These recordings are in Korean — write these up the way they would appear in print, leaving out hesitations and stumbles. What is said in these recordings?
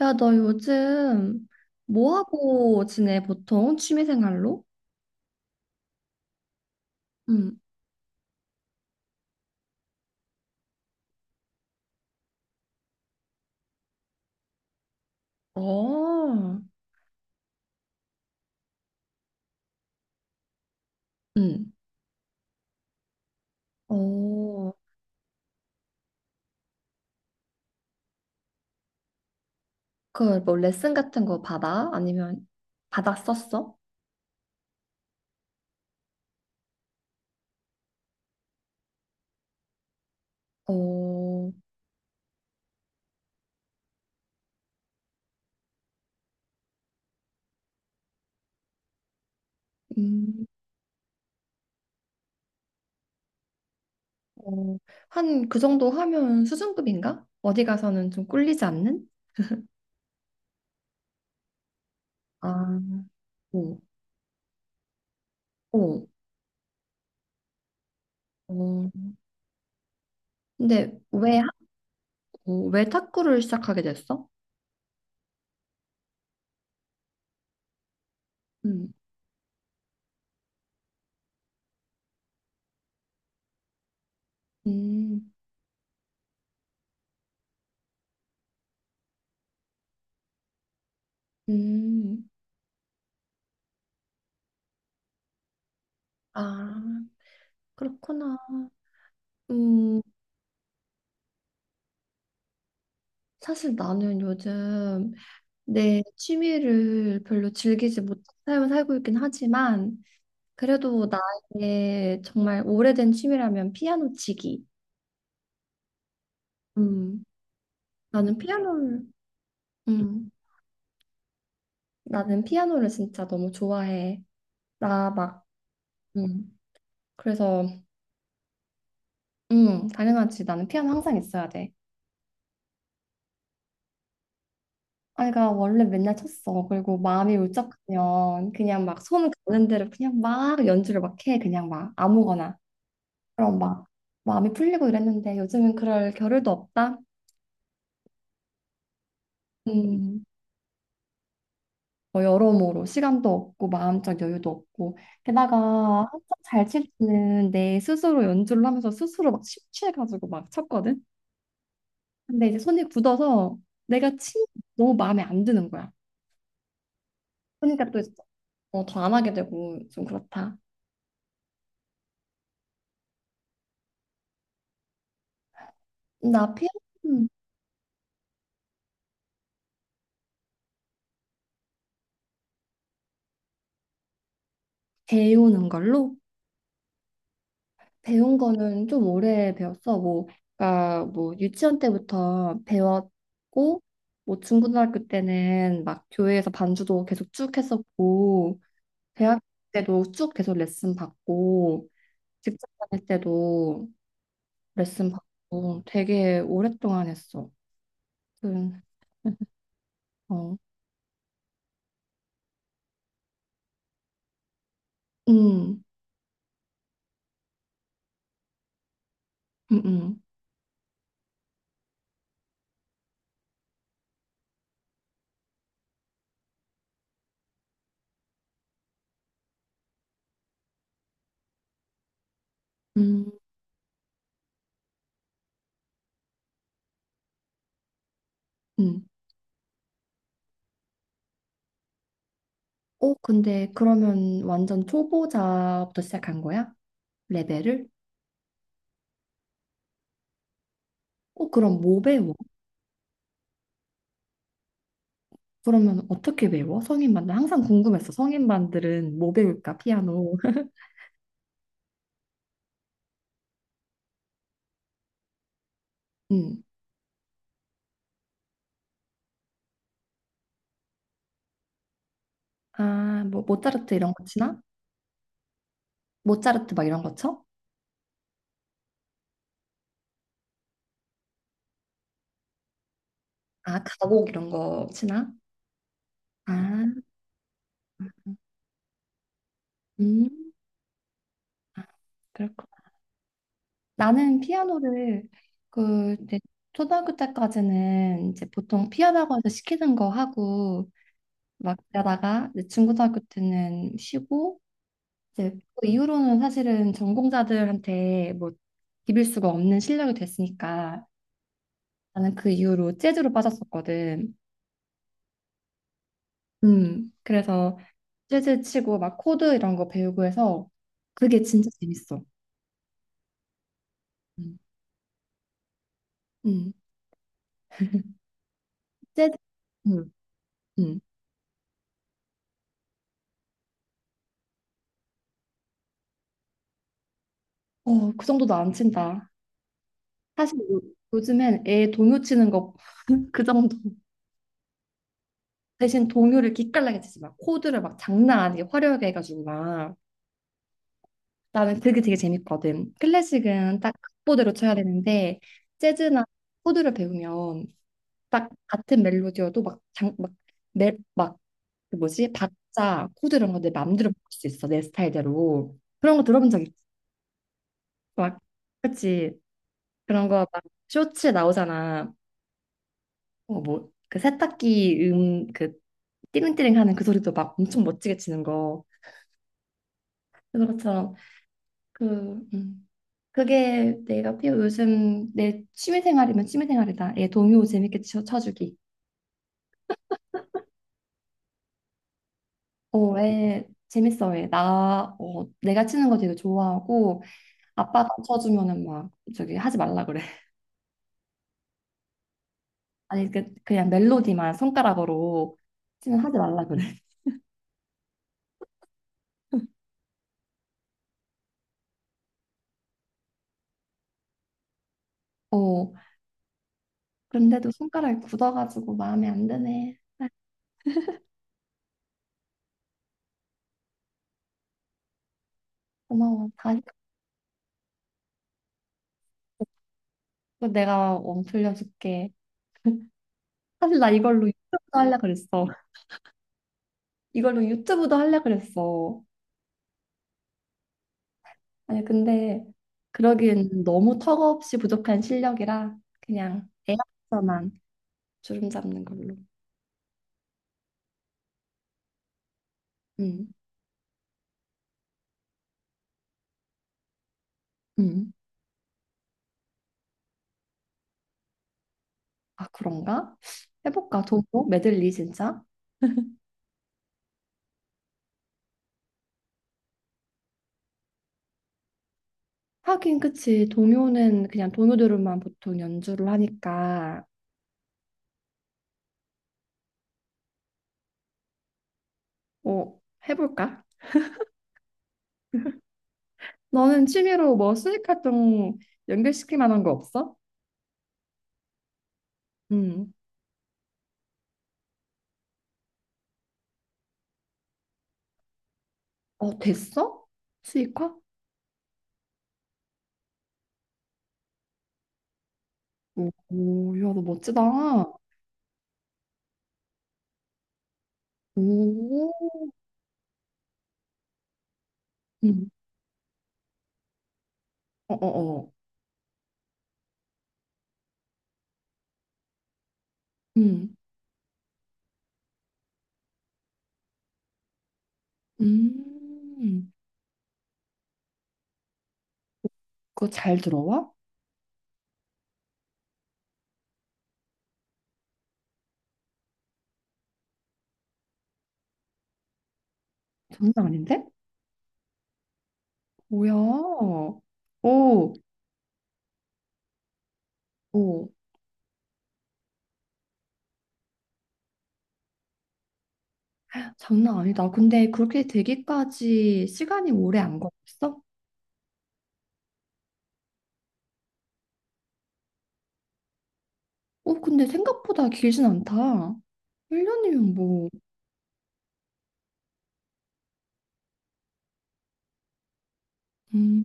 야, 너 요즘 뭐 하고 지내, 보통? 취미생활로? 응. 어, 응. 어, 레슨 같은 거 받아? 아니면 받았었어? 어, 음, 어, 한 그 정도 하면 수준급인가? 어디 가서는 좀 꿀리지 않는? 아, 오, 오 어, 근데 왜, 하- 어, 왜 탁구를 시작하게 됐어? 음, 음, 음. 아, 그렇구나. 음 사실 나는 요즘 내 취미를 별로 즐기지 못한 삶을 살고 있긴 하지만 그래도 나의 정말 오래된 취미라면 피아노 치기. 음, 나는 피아노를 음, 나는 피아노를 진짜 너무 좋아해. 나 막, 음, 그래서 당연하지. 나는 피아노 항상 있어야 돼. 아이가 원래 맨날 쳤어. 그리고 마음이 울적하면 그냥 막 손 가는 대로 그냥 막 연주를 막 해. 그냥 막 아무거나. 그럼 막 마음이 풀리고 이랬는데 요즘은 그럴 겨를도 없다. 음, 뭐 여러모로 시간도 없고 마음적 여유도 없고 게다가 한참 잘 치는 내 스스로 연주를 하면서 스스로 막 심취해가지고 막 쳤거든. 근데 이제 손이 굳어서 내가 친 너무 마음에 안 드는 거야. 그러니까 또 더 안 하게 되고 좀 그렇다. 나 피아노 배우는 걸로. 배운 거는 좀 오래 배웠어. 뭐, 그러니까 뭐 유치원 때부터 배웠고, 뭐 중고등학교 때는 막 교회에서 반주도 계속 쭉 했었고, 대학 때도 쭉 계속 레슨 받고, 직장 다닐 때도 레슨 받고, 되게 오랫동안 했어. 그, 어, 음, 음, 음, 음, 음. 어, 근데 그러면 완전 초보자부터 시작한 거야? 레벨을? 어, 그럼 뭐 배워? 그러면 어떻게 배워? 성인반들 항상 궁금했어. 성인반들은 뭐 배울까? 피아노. 음. 아, 뭐 모차르트 이런 거 치나? 모차르트 막 이런 거 쳐? 아, 가곡 이런 거 치나? 아, 음, 그렇구나. 나는 피아노를 그 이제 초등학교 때까지는 이제 보통 피아노 학원에서 시키는 거 하고 막 그러다가 이제 중고등학교 때는 쉬고 이제 그 이후로는 사실은 전공자들한테 뭐 비빌 수가 없는 실력이 됐으니까 나는 그 이후로 재즈로 빠졌었거든. 음. 그래서 재즈 치고 막 코드 이런 거 배우고 해서 그게 진짜 재밌어. 음. 음. 재즈, 음. 음. 어, 그 정도도 안 친다. 사실 요즘엔 애 동요 치는 거 그 정도. 대신 동요를 기깔나게 치지 마. 코드를 막 장난 아니게 화려하게 해가지고 막. 나는 그게 되게 재밌거든. 클래식은 딱 악보대로 쳐야 되는데 재즈나 코드를 배우면 딱 같은 멜로디여도 막 장, 막, 멜, 막, 그 뭐지? 박자, 코드 이런 거 내 맘대로 바꿀 수 있어. 내 스타일대로. 그런 거 들어본 적 있지? 막, 그치? 그런 거 막 쇼츠에 나오잖아. 어, 뭐, 그 세탁기 그 띠링띠링 하는 그 소리도 막 엄청 멋지게 치는 거. 그것처럼 그, 음. 그게 내가 피우 요즘 내 취미생활이면 취미생활이다. 애 동요 재밌게 쳐, 쳐주기. 어, 애 재밌어. 애. 나, 어, 내가 치는 거 되게 좋아하고 아빠가 쳐주면은 막 저기 하지 말라 그래. 아니 그, 그냥 멜로디만 손가락으로 치면 하지 말라 그래. 어, 그런데도 손가락이 굳어가지고 마음에 안 드네. 고마워. 다시 그거 내가 원 들려줄게. 사실 나 이걸로 유튜브도 하려 그랬어. 이걸로 유튜브도 하려 그랬어. 아니 근데 그러기엔 너무 턱없이 부족한 실력이라 그냥 애학서만 주름 잡는 걸로. 음, 음. 아 그런가? 해볼까? 동요 메들리 진짜? 하긴 그치. 동요는 그냥 동요들만 보통 연주를 하니까. 어 해볼까? 너는 취미로 뭐 수익 활동 연결시킬 만한 거 없어? 음. 어 됐어? 수익화? 오, 오, 야, 너 멋지다. 오, 음. 어, 어, 어. 음. 음, 그거 잘 들어와? 장난 아닌데? 뭐야? 오, 오, 장난 아니다. 근데 그렇게 되기까지 시간이 오래 안 걸렸어? 오, 근데 생각보다 길진 않다. 1년이면 뭐, 음,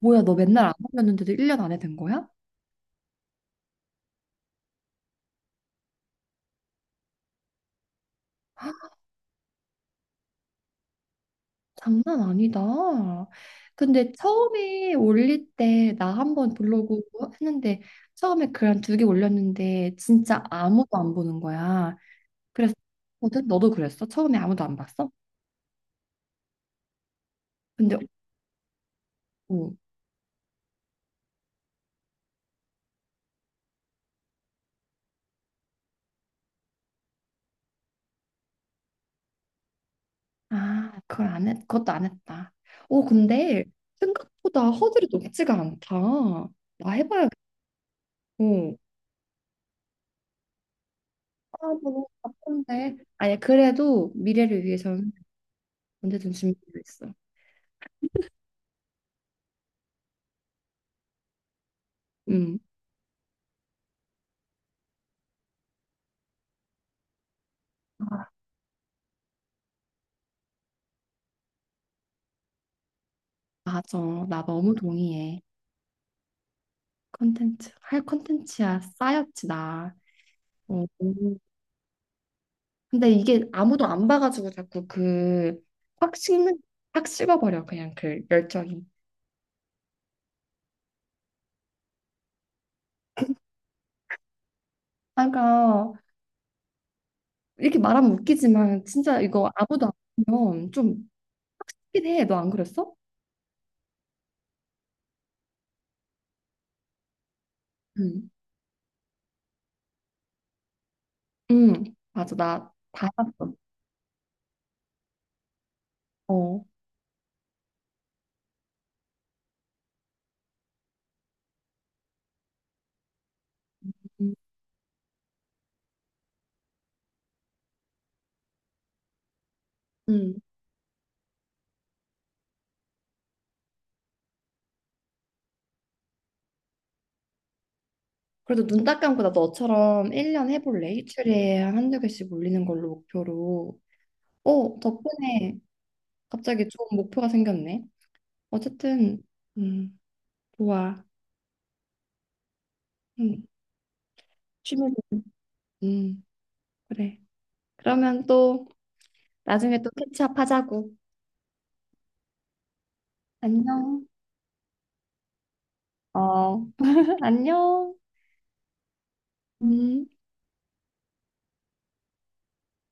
뭐야, 너 맨날 안 올렸는데도 1년 안에 된 거야? 장난 아니다. 근데 처음에 올릴 때 나 한번 블로그 했는데 처음에 글 한 두 개 올렸는데 진짜 아무도 안 보는 거야. 그래서 거든 너도 그랬어? 처음에 아무도 안 봤어? 근데 오, 아 그걸 안 했, 그것도 안 했다. 오 근데 생각보다 허들이 높지가 않다. 나 해봐야겠고. 아 너무 바쁜데. 아니 그래도 미래를 위해서는 언제든 준비되어 있어. 음. 아, 맞아. 나 너무 동의해. 컨텐츠 할 컨텐츠야 쌓였지 나. 어, 너무- 근데 이게 아무도 안 봐가지고 자꾸 그 확 식는 확 식어버려 그냥 그 열정이. 아, 그러니까 이렇게 말하면 웃기지만 진짜 이거 아무도 안 보면 좀 확실히 해. 너 안 그랬어? 응. 응. 맞아. 나 다 봤어. 어. 응. 응. 그래도 눈 딱 감고 나 너처럼 1년 해볼래? 일주일에 한 한두 개씩 올리는 걸로 목표로. 어, 덕분에 갑자기 좋은 목표가 생겼네. 어쨌든 음, 좋아. 응. 취미로. 음, 그래. 그러면 또 나중에 또 캐치업 하자고. 안녕. 어, 안녕. 음.